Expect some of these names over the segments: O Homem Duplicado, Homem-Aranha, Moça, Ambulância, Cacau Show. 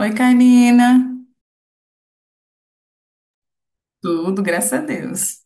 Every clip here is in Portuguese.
Oi, Karina. Tudo, graças a Deus.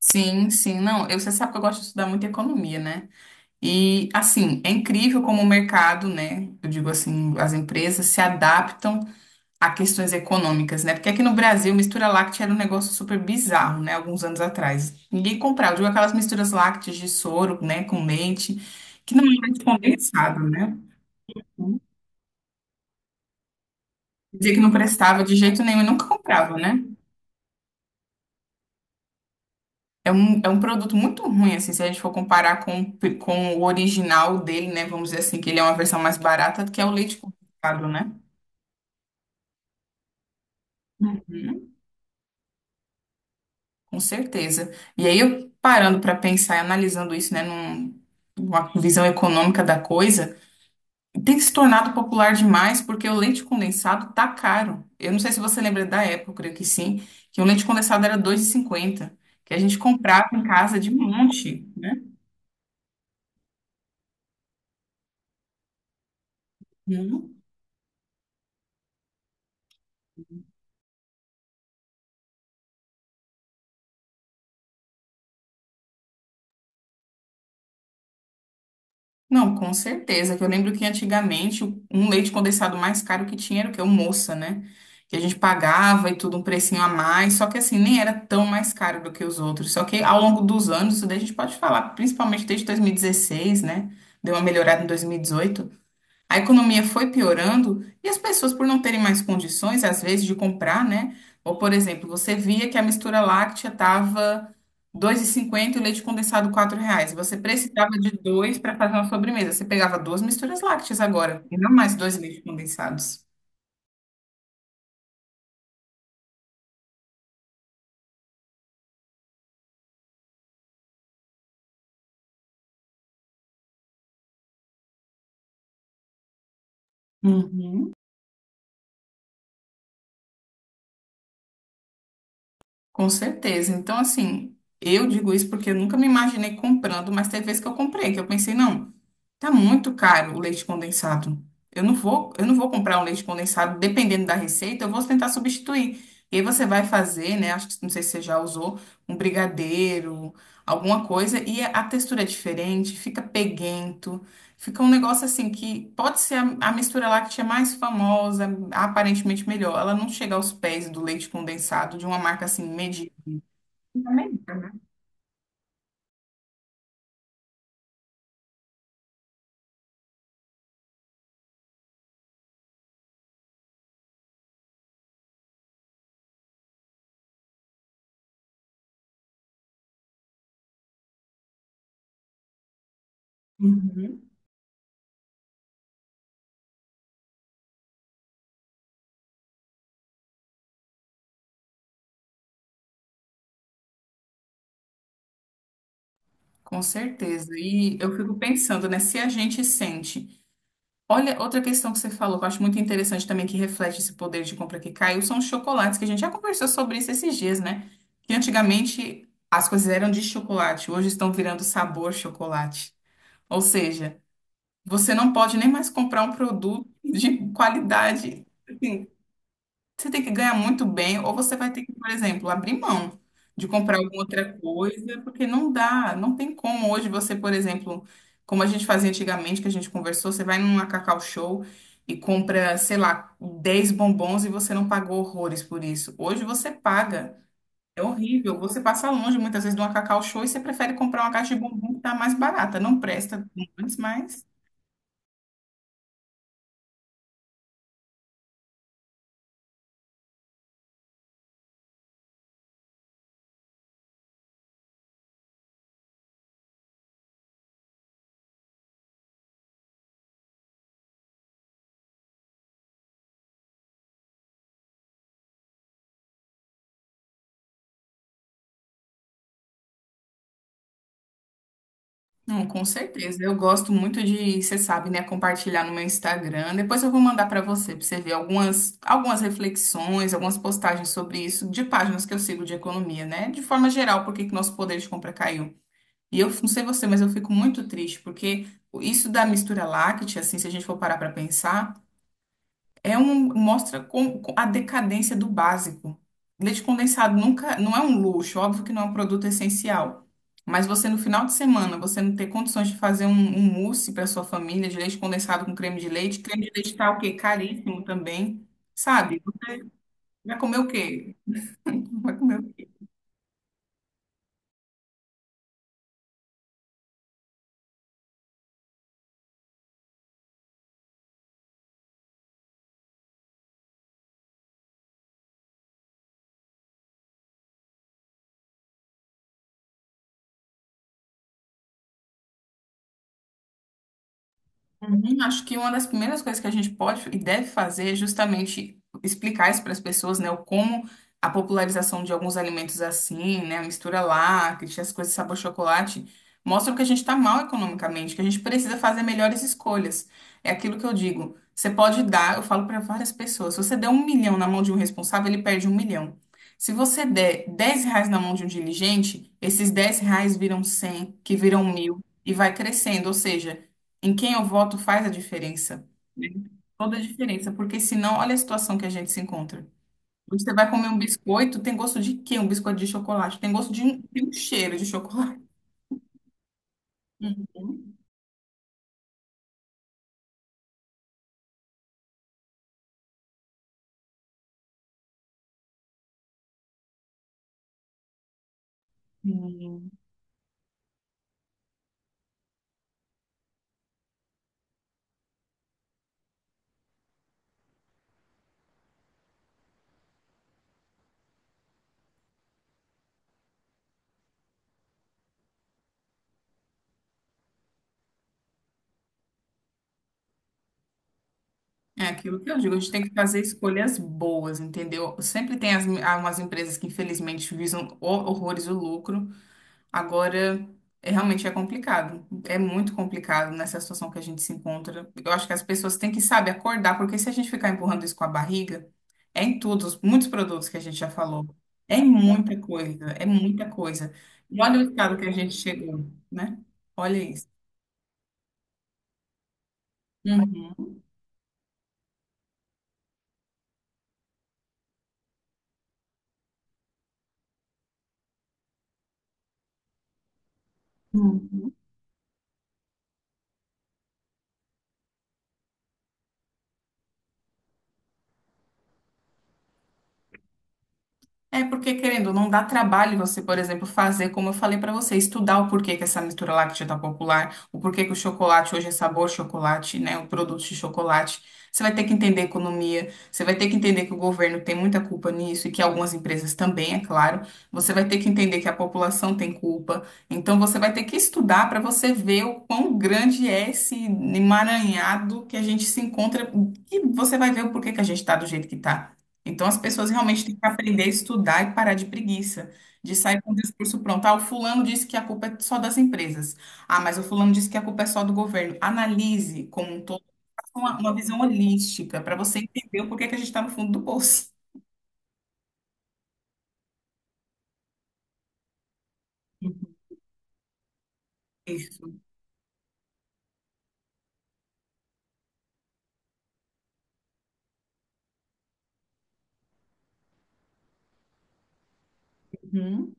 Sim, sim, não. Eu, Você sabe que eu gosto de estudar muito economia, né? E, assim, é incrível como o mercado, né? Eu digo assim, as empresas se adaptam a questões econômicas, né? Porque aqui no Brasil, mistura láctea era um negócio super bizarro, né? Alguns anos atrás. Ninguém comprava. Eu digo aquelas misturas lácteas de soro, né? Com leite, que não era de condensado, né? Dizia que não prestava de jeito nenhum e nunca comprava, né? É um produto muito ruim, assim, se a gente for comparar com, com o original dele, né? Vamos dizer assim, que ele é uma versão mais barata, que é o leite condensado, né? Uhum. Com certeza. E aí, eu parando para pensar e analisando isso, né, numa visão econômica da coisa, tem se tornado popular demais porque o leite condensado tá caro. Eu não sei se você lembra da época, eu creio que sim, que o leite condensado era 2,50 que a gente comprava em casa de monte, né? Uhum. Não, com certeza. Que eu lembro que antigamente um leite condensado mais caro que tinha era o quê? O Moça, né? Que a gente pagava e tudo um precinho a mais. Só que assim, nem era tão mais caro do que os outros. Só que ao longo dos anos, isso daí a gente pode falar, principalmente desde 2016, né? Deu uma melhorada em 2018. A economia foi piorando e as pessoas, por não terem mais condições, às vezes, de comprar, né? Ou, por exemplo, você via que a mistura láctea estava 2,50, e o leite condensado R$ 4. Você precisava de dois para fazer uma sobremesa. Você pegava duas misturas lácteas agora, e não mais dois leites condensados. Uhum. Com certeza. Então, assim, eu digo isso porque eu nunca me imaginei comprando, mas teve vezes que eu comprei, que eu pensei, não, tá muito caro o leite condensado. Eu não vou comprar um leite condensado, dependendo da receita, eu vou tentar substituir. E aí você vai fazer, né? Acho que não sei se você já usou um brigadeiro, alguma coisa, e a textura é diferente, fica peguento. Fica um negócio assim que pode ser a mistura láctea mais famosa, aparentemente melhor. Ela não chega aos pés do leite condensado de uma marca assim medíocre. Também, né? Uhum. Com certeza. E eu fico pensando, né, se a gente sente. Olha, outra questão que você falou, que eu acho muito interessante também, que reflete esse poder de compra que caiu, são os chocolates, que a gente já conversou sobre isso esses dias, né? Que antigamente as coisas eram de chocolate, hoje estão virando sabor chocolate. Ou seja, você não pode nem mais comprar um produto de qualidade. Assim, você tem que ganhar muito bem, ou você vai ter que, por exemplo, abrir mão de comprar alguma outra coisa, porque não dá, não tem como. Hoje você, por exemplo, como a gente fazia antigamente, que a gente conversou, você vai numa Cacau Show e compra, sei lá, 10 bombons e você não pagou horrores por isso. Hoje você paga. É horrível. Você passa longe muitas vezes de uma Cacau Show e você prefere comprar uma caixa de bombom que tá mais barata. Não presta, mas. Não, com certeza. Eu gosto muito de, você sabe, né, compartilhar no meu Instagram. Depois eu vou mandar para você ver algumas reflexões, algumas postagens sobre isso, de páginas que eu sigo de economia, né? De forma geral, por que que nosso poder de compra caiu. E eu não sei você, mas eu fico muito triste, porque isso da mistura láctea, assim, se a gente for parar para pensar. É um, mostra com a decadência do básico. Leite condensado nunca, não é um luxo, óbvio que não é um produto essencial. Mas você no final de semana, você não ter condições de fazer um mousse para sua família de leite condensado com creme de leite. Creme de leite tá o quê? Caríssimo também, sabe? Vai comer o quê? Vai comer o quê? Uhum. Acho que uma das primeiras coisas que a gente pode e deve fazer é justamente explicar isso para as pessoas, né? O como a popularização de alguns alimentos assim, né? A mistura láctea, as coisas sabor chocolate, mostram que a gente está mal economicamente, que a gente precisa fazer melhores escolhas. É aquilo que eu digo. Você pode dar, eu falo para várias pessoas, se você der 1 milhão na mão de um responsável, ele perde 1 milhão. Se você der R$ 10 na mão de um diligente, esses R$ 10 viram 100, que viram 1000 e vai crescendo. Ou seja, em quem eu voto faz a diferença, né? Toda a diferença, porque senão, olha a situação que a gente se encontra. Você vai comer um biscoito, tem gosto de quê? Um biscoito de chocolate, tem gosto de um cheiro de chocolate. Uhum. Sim. É aquilo que eu digo, a gente tem que fazer escolhas boas, entendeu? Sempre tem algumas empresas que, infelizmente, visam horrores o lucro, agora, é, realmente é complicado. É muito complicado nessa situação que a gente se encontra. Eu acho que as pessoas têm que, sabe, acordar, porque se a gente ficar empurrando isso com a barriga, é em todos, muitos produtos que a gente já falou. É em muita coisa, é muita coisa. E olha o estado que a gente chegou, né? Olha isso. Uhum. É porque, querendo, não dá trabalho você, por exemplo, fazer, como eu falei pra você, estudar o porquê que essa mistura láctea tá popular, o porquê que o chocolate hoje é sabor chocolate, né? O produto de chocolate. Você vai ter que entender a economia, você vai ter que entender que o governo tem muita culpa nisso e que algumas empresas também, é claro. Você vai ter que entender que a população tem culpa. Então, você vai ter que estudar pra você ver o quão grande é esse emaranhado que a gente se encontra e você vai ver o porquê que a gente tá do jeito que tá. Então, as pessoas realmente têm que aprender a estudar e parar de preguiça, de sair com o discurso pronto. Ah, o fulano disse que a culpa é só das empresas. Ah, mas o fulano disse que a culpa é só do governo. Analise como um todo, faça uma visão holística para você entender o porquê que a gente está no fundo do bolso. Isso. Uhum.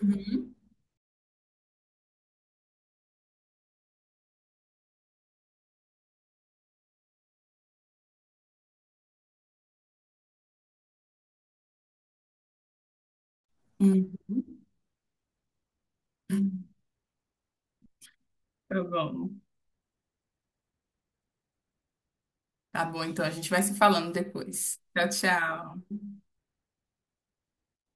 Hum? Uhum. Tá bom. Tá bom, então a gente vai se falando depois. Tchau, tchau.